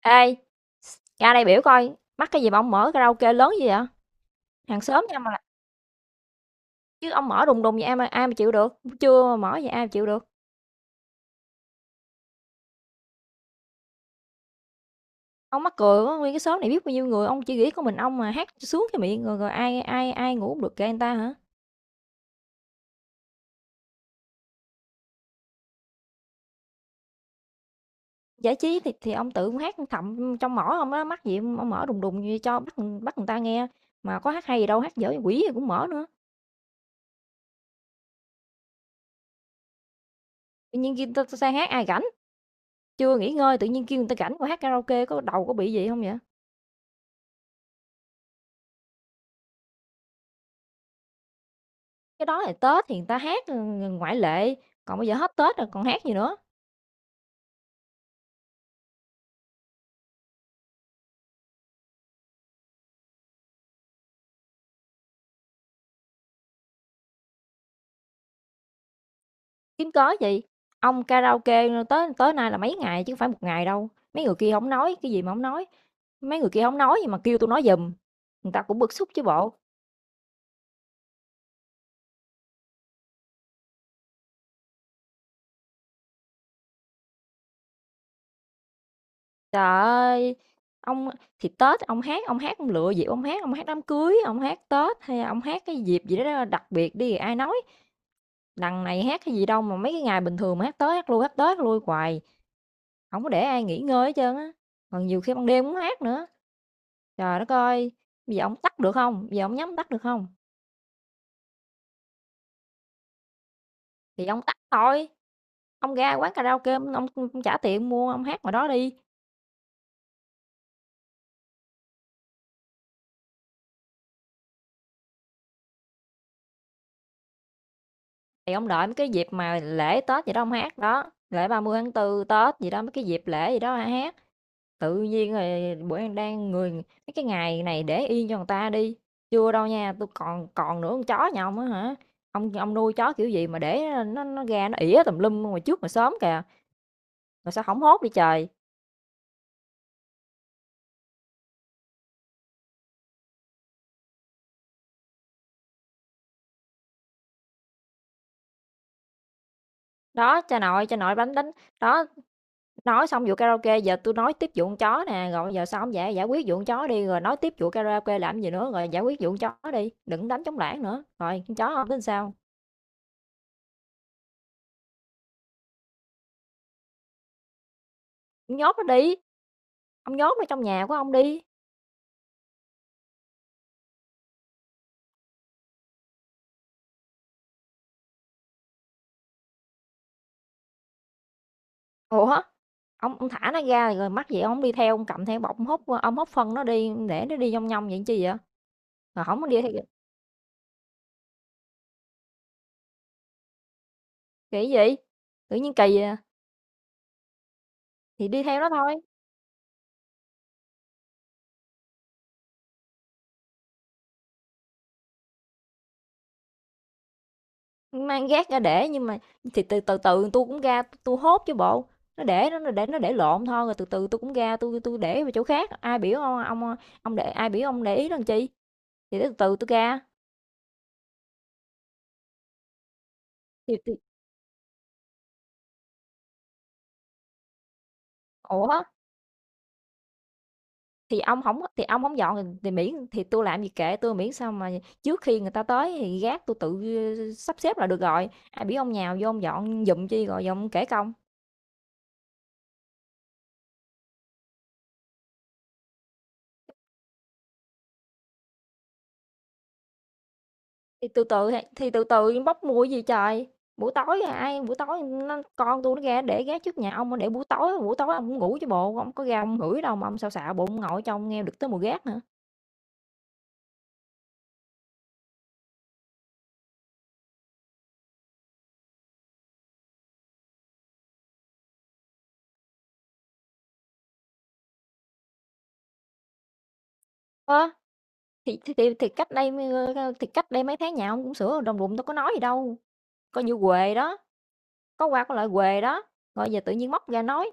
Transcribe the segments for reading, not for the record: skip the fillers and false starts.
Ê, ra đây biểu coi, mắc cái gì mà ông mở karaoke lớn gì vậy? Hàng xóm nha mà, chứ ông mở đùng đùng vậy ai mà chịu được. Chưa mà mở vậy ai mà chịu được. Ông mắc cười quá, nguyên cái xóm này biết bao nhiêu người, ông chỉ nghĩ có mình ông mà hát cho sướng cái miệng rồi rồi ai ai ai ngủ không được kệ người ta hả? Giải trí thì ông tự ông hát thầm trong mỏ ông đó, mắc gì ông mở đùng đùng như cho bắt bắt người ta nghe, mà có hát hay gì đâu, hát dở quỷ gì cũng mở nữa. Tự nhiên kia ta sang hát ai rảnh, chưa nghỉ ngơi tự nhiên kêu người ta rảnh qua hát karaoke có đầu có bị gì không vậy? Cái đó là Tết thì người ta hát, ừ, ngoại lệ, còn bây giờ hết Tết rồi còn hát gì nữa, kiếm cớ gì. Ông karaoke tới tới nay là mấy ngày chứ không phải một ngày đâu, mấy người kia không nói, cái gì mà không nói, mấy người kia không nói gì mà kêu tôi nói giùm, người ta cũng bức xúc chứ bộ. Trời ơi, ông thì Tết ông hát, ông hát ông lựa dịp ông hát đám cưới, ông hát Tết hay ông hát cái dịp gì đó đặc biệt đi ai nói. Đằng này hát cái gì đâu mà mấy cái ngày bình thường mà hát tới hát lui, hát tới hát lui hoài. Hổng có để ai nghỉ ngơi hết trơn á, còn nhiều khi ban đêm cũng hát nữa. Trời đất ơi, bây giờ ổng tắt được không? Bây giờ ổng nhắm tắt được không? Thì ông tắt thôi, ông ra quán karaoke ông trả tiền mua, ông hát ngoài đó đi, thì ông đợi mấy cái dịp mà lễ Tết gì đó ông hát đó, lễ 30 tháng 4 Tết gì đó, mấy cái dịp lễ gì đó ông hát. Tự nhiên rồi bữa đang đang người mấy cái ngày này để yên cho người ta đi. Chưa đâu nha, tôi còn còn nữa con chó nhà ông á hả? Ông nuôi chó kiểu gì mà để nó ra nó ỉa tùm lum ngoài trước mà sớm kìa, rồi sao hổng hốt đi trời. Đó, cha nội đánh đánh đó, nói xong vụ karaoke giờ tôi nói tiếp vụ con chó nè, rồi giờ sao không giải giải quyết vụ con chó đi rồi nói tiếp vụ karaoke làm gì nữa, rồi giải quyết vụ con chó đi, đừng đánh trống lảng nữa. Rồi con chó ông tính sao? Ông nhốt nó đi. Ông nhốt nó trong nhà của ông đi. Ủa? Ông thả nó ra rồi mắc gì ông hổng đi theo, ông cầm theo bọc ông hút phân nó đi, để nó đi nhong nhong vậy chi vậy? Rồi không có đi theo kỳ gì? Tự nhiên kỳ à, thì đi theo nó thôi, mang gác ra để nhưng mà thì từ từ từ tui cũng ra tôi hốt chứ bộ, nó để lộn thôi, rồi từ từ tôi cũng ra tôi để vào chỗ khác, ai biểu ông, ông để ai biểu ông để ý làm chi, thì từ từ tôi ra, thì ủa? Thì ông hổng dọn thì miễn thì tôi làm gì kệ tôi miễn sao mà trước khi người ta tới thì gác tôi tự, sắp xếp là được rồi. Ai biết ông nhào vô ông dọn giùm chi rồi giờ ông kể công. Thì từ từ bốc mùi gì trời. Buổi tối à, ai buổi tối nó con tôi nó ra để gác trước nhà ông, để buổi tối ông cũng ngủ chứ bộ, ông có ra ông ngửi đâu mà ông xạo xạo bụng ông ngồi trong nghe được tới mùi gác nữa. Ơ, thì thì thì thì cách đây, thì cách đây mấy tháng nhà ông cũng sửa đồng ruộng tôi có nói gì đâu, coi như huề đó. Có qua có lại huề đó, rồi giờ tự nhiên móc ra nói,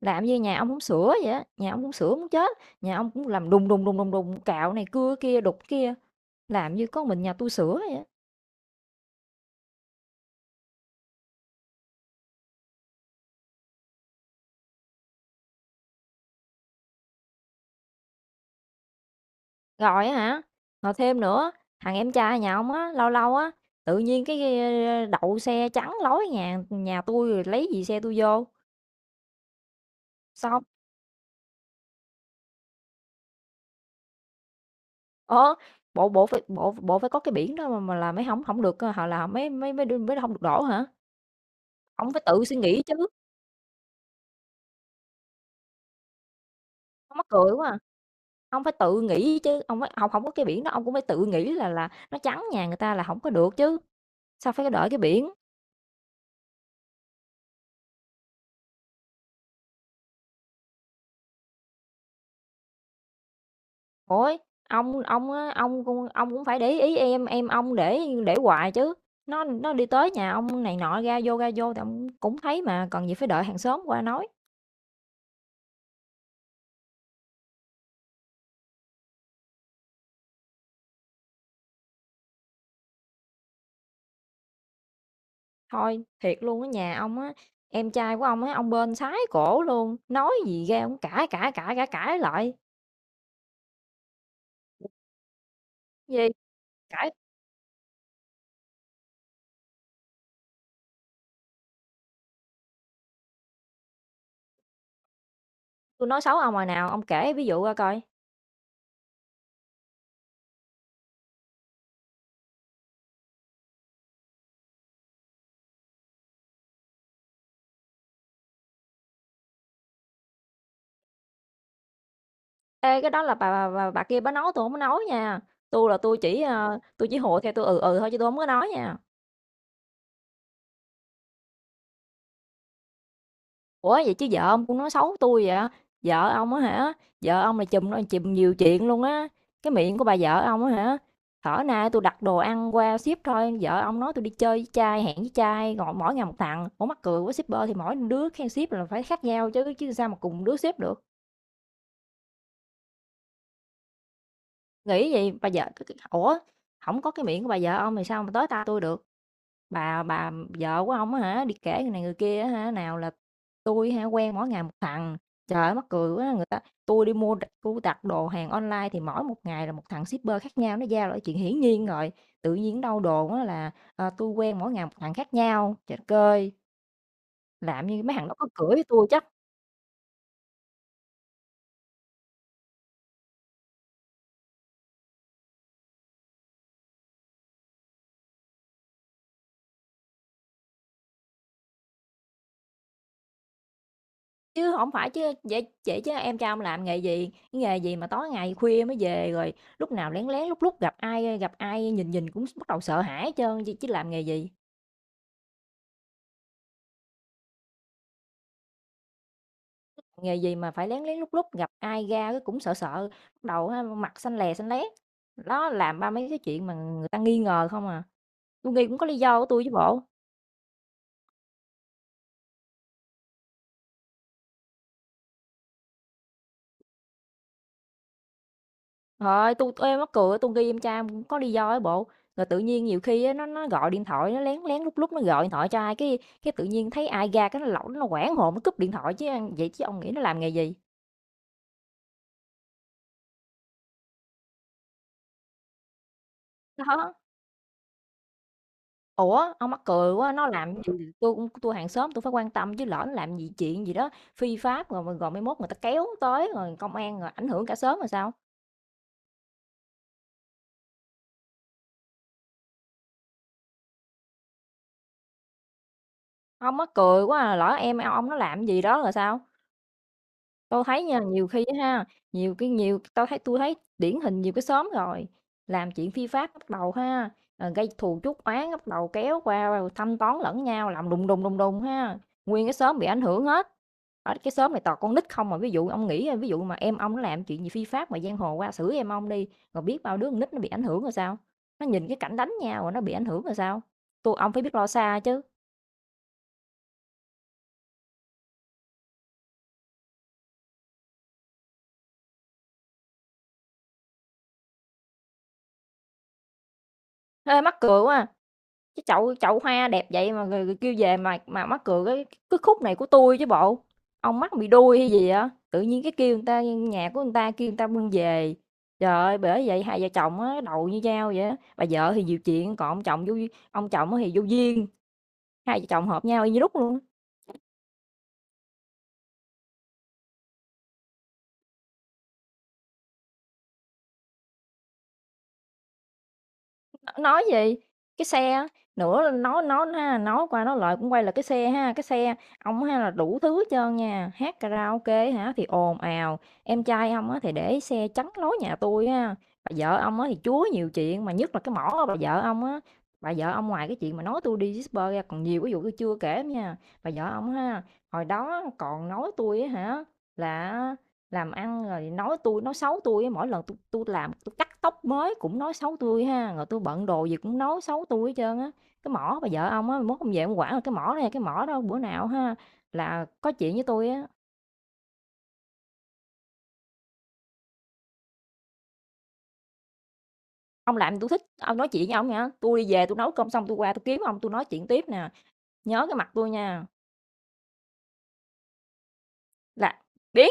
làm như nhà ông hông sửa vậy á, nhà ông hông sửa muốn chết, nhà ông cũng làm đùng, đùng, đùng, đùng, đùng, cạo này cưa kia, đục kia, làm như có mình nhà tôi sửa vậy á. Rồi á hả, rồi thêm nữa, thằng em trai nhà ông á, lâu lâu á, tự nhiên cái, đậu xe chắn lối nhà nhà tôi lấy gì xe tôi vô, xong ờ, bộ bộ phải có cái biển đó mà là mấy hổng không được, họ h là mấy mấy mới hông được đổ hả? Ông phải tự suy nghĩ chứ, mắc cười quá à. Ông phải tự nghĩ chứ, ông phải hổng không có cái biển đó, ông cũng phải tự nghĩ là nó trắng nhà người ta là không có được chứ, sao phải đợi cái biển. Ôi, ông á, ông cũng phải để ý em ông để hoài chứ, nó đi tới nhà ông này nọ ra vô thì ông cũng thấy mà, cần gì phải đợi hàng xóm qua nói. Thôi, thiệt luôn á, nhà ông á, em trai của ông á, ông bên sái cổ luôn, nói gì ra ông cãi, cãi, cãi, cãi, cãi lại. Gì? Cãi tôi nói xấu ông hồi nào, ông kể ví dụ ra coi. Ê, cái đó là bà kia bà nói tôi không có nói nha. Tôi chỉ tôi chỉ hộ theo tôi ừ thôi chứ tôi không có nói nha. Ủa vậy chứ vợ ông cũng nói xấu tôi vậy? Vợ ông á hả? Vợ ông là chùm nhiều chuyện luôn á. Cái miệng của bà vợ ông á hả? Thở nay tôi đặt đồ ăn qua ship thôi, vợ ông nói tôi đi chơi với trai, hẹn với trai, gọi mỗi ngày một thằng. Ủa mắc cười quá shipper thì mỗi đứa khen ship là phải khác nhau chứ chứ sao mà cùng đứa ship được. Nghĩ gì bà vợ ủa không có cái miệng của bà vợ ông thì sao mà tới ta tôi được. Bà vợ của ông á hả, đi kể người này người kia á hả, nào là tôi hả, quen mỗi ngày một thằng." Trời ơi, mắc cười quá, người ta tôi đi mua tui đặt đồ hàng online thì mỗi một ngày là một thằng shipper khác nhau, nó giao lại chuyện hiển nhiên rồi. Tự nhiên đâu đồn á là, tui quen mỗi ngày một thằng khác nhau." Trời đất ơi, làm như mấy thằng đó có cửa với tôi chắc, chứ không phải chứ vậy vậy chứ em trai ông làm nghề gì? Cái nghề gì mà tối ngày khuya mới về, rồi lúc nào lén lén lúc lúc gặp ai nhìn nhìn cũng bắt đầu sợ hãi hết trơn, chứ chứ làm nghề gì? Nghề gì mà phải lén lén lút lút, gặp ai ra cái cũng sợ sợ, lúc đầu á mặt xanh lè xanh lét. Đó, làm ba mấy cái chuyện mà người ta nghi ngờ không à. Tôi nghi cũng có lý do của tôi chứ bộ. Trời tui mắc cười, tôi nghi em trai em cũng có lý do ấy bộ. Rồi tự nhiên nhiều khi á, nó gọi điện thoại, nó lén lén lúc lúc nó gọi điện thoại cho ai, cái tự nhiên thấy ai ra cái nó hoảng hồn, nó cúp điện thoại chứ, vậy chứ ông nghĩ nó làm nghề gì? Đó. Ủa, ông mắc cười quá, nó làm gì tui cũng tôi hàng xóm tôi phải quan tâm chứ lỡ nó làm gì chuyện gì đó phi pháp rồi rồi rồi mai mốt người ta kéo tới rồi công an rồi ảnh hưởng cả xóm rồi sao? Ông mắc cười quá à, lỡ em ông nó làm gì đó rồi sao? Tôi thấy nha, nhiều khi á ha, nhiều cái nhiều tôi thấy điển hình nhiều cái xóm rồi, làm chuyện phi pháp bắt đầu ha, gây thù chuốc oán, bắt đầu kéo qua rồi thăm toán lẫn nhau, làm đùng đùng, đùng đùng ha, nguyên cái xóm bị ảnh hưởng hết. Ở cái xóm này toàn con nít không mà ví dụ mà em ông nó làm chuyện gì phi pháp mà giang hồ qua xử em ông đi, rồi biết bao đứa con nít nó bị ảnh hưởng rồi sao? Nó nhìn cái cảnh đánh nhau rồi nó bị ảnh hưởng rồi sao? Ông phải biết lo xa chứ. Ê, mắc cười quá à! Cái chậu chậu hoa đẹp vậy mà người kêu về mà mắc cười cái khúc này của tôi chứ bộ. Ông mắc bị đuôi hay gì á, tự nhiên cái kêu người ta nhà của người ta kêu người ta bưng về. Trời ơi, bởi vậy hai vợ chồng á đầu như dao vậy á. Bà vợ thì nhiều chuyện, còn ông chồng á thì vô duyên, hai vợ chồng hợp nhau y như đúc luôn á. Nói gì? Cái xe á, nữa nói ha, nói qua nói lại cũng quay lại cái xe ha, cái xe ông ha là đủ thứ hết trơn nha, hát karaoke hả thì ồn ào, em trai ông á thì để xe chắn lối nhà tôi ha, bà vợ ông á thì chúa nhiều chuyện, mà nhất là cái mỏ bà vợ ông á, bà vợ ông ngoài cái chuyện mà nói tôi đi disper ra còn nhiều cái vụ tôi chưa kể nha. Bà vợ ông ha, hồi đó còn nói tôi á hả là làm ăn rồi nói tôi nói xấu tôi mỗi lần tôi làm tôi cắt tóc mới cũng nói xấu tôi ha, rồi tôi bận đồ gì cũng nói xấu tôi hết trơn á. Cái mỏ bà vợ ông á, mai mốt ông về ông quản là cái mỏ này, cái mỏ đó bữa nào ha là có chuyện với tôi á, "Ông làm tôi thích, ông nói chuyện với ông nha, tôi đi về tôi nấu cơm xong tôi qua tôi kiếm ông tôi nói chuyện tiếp nè, nhớ cái mặt tôi nha." Là biến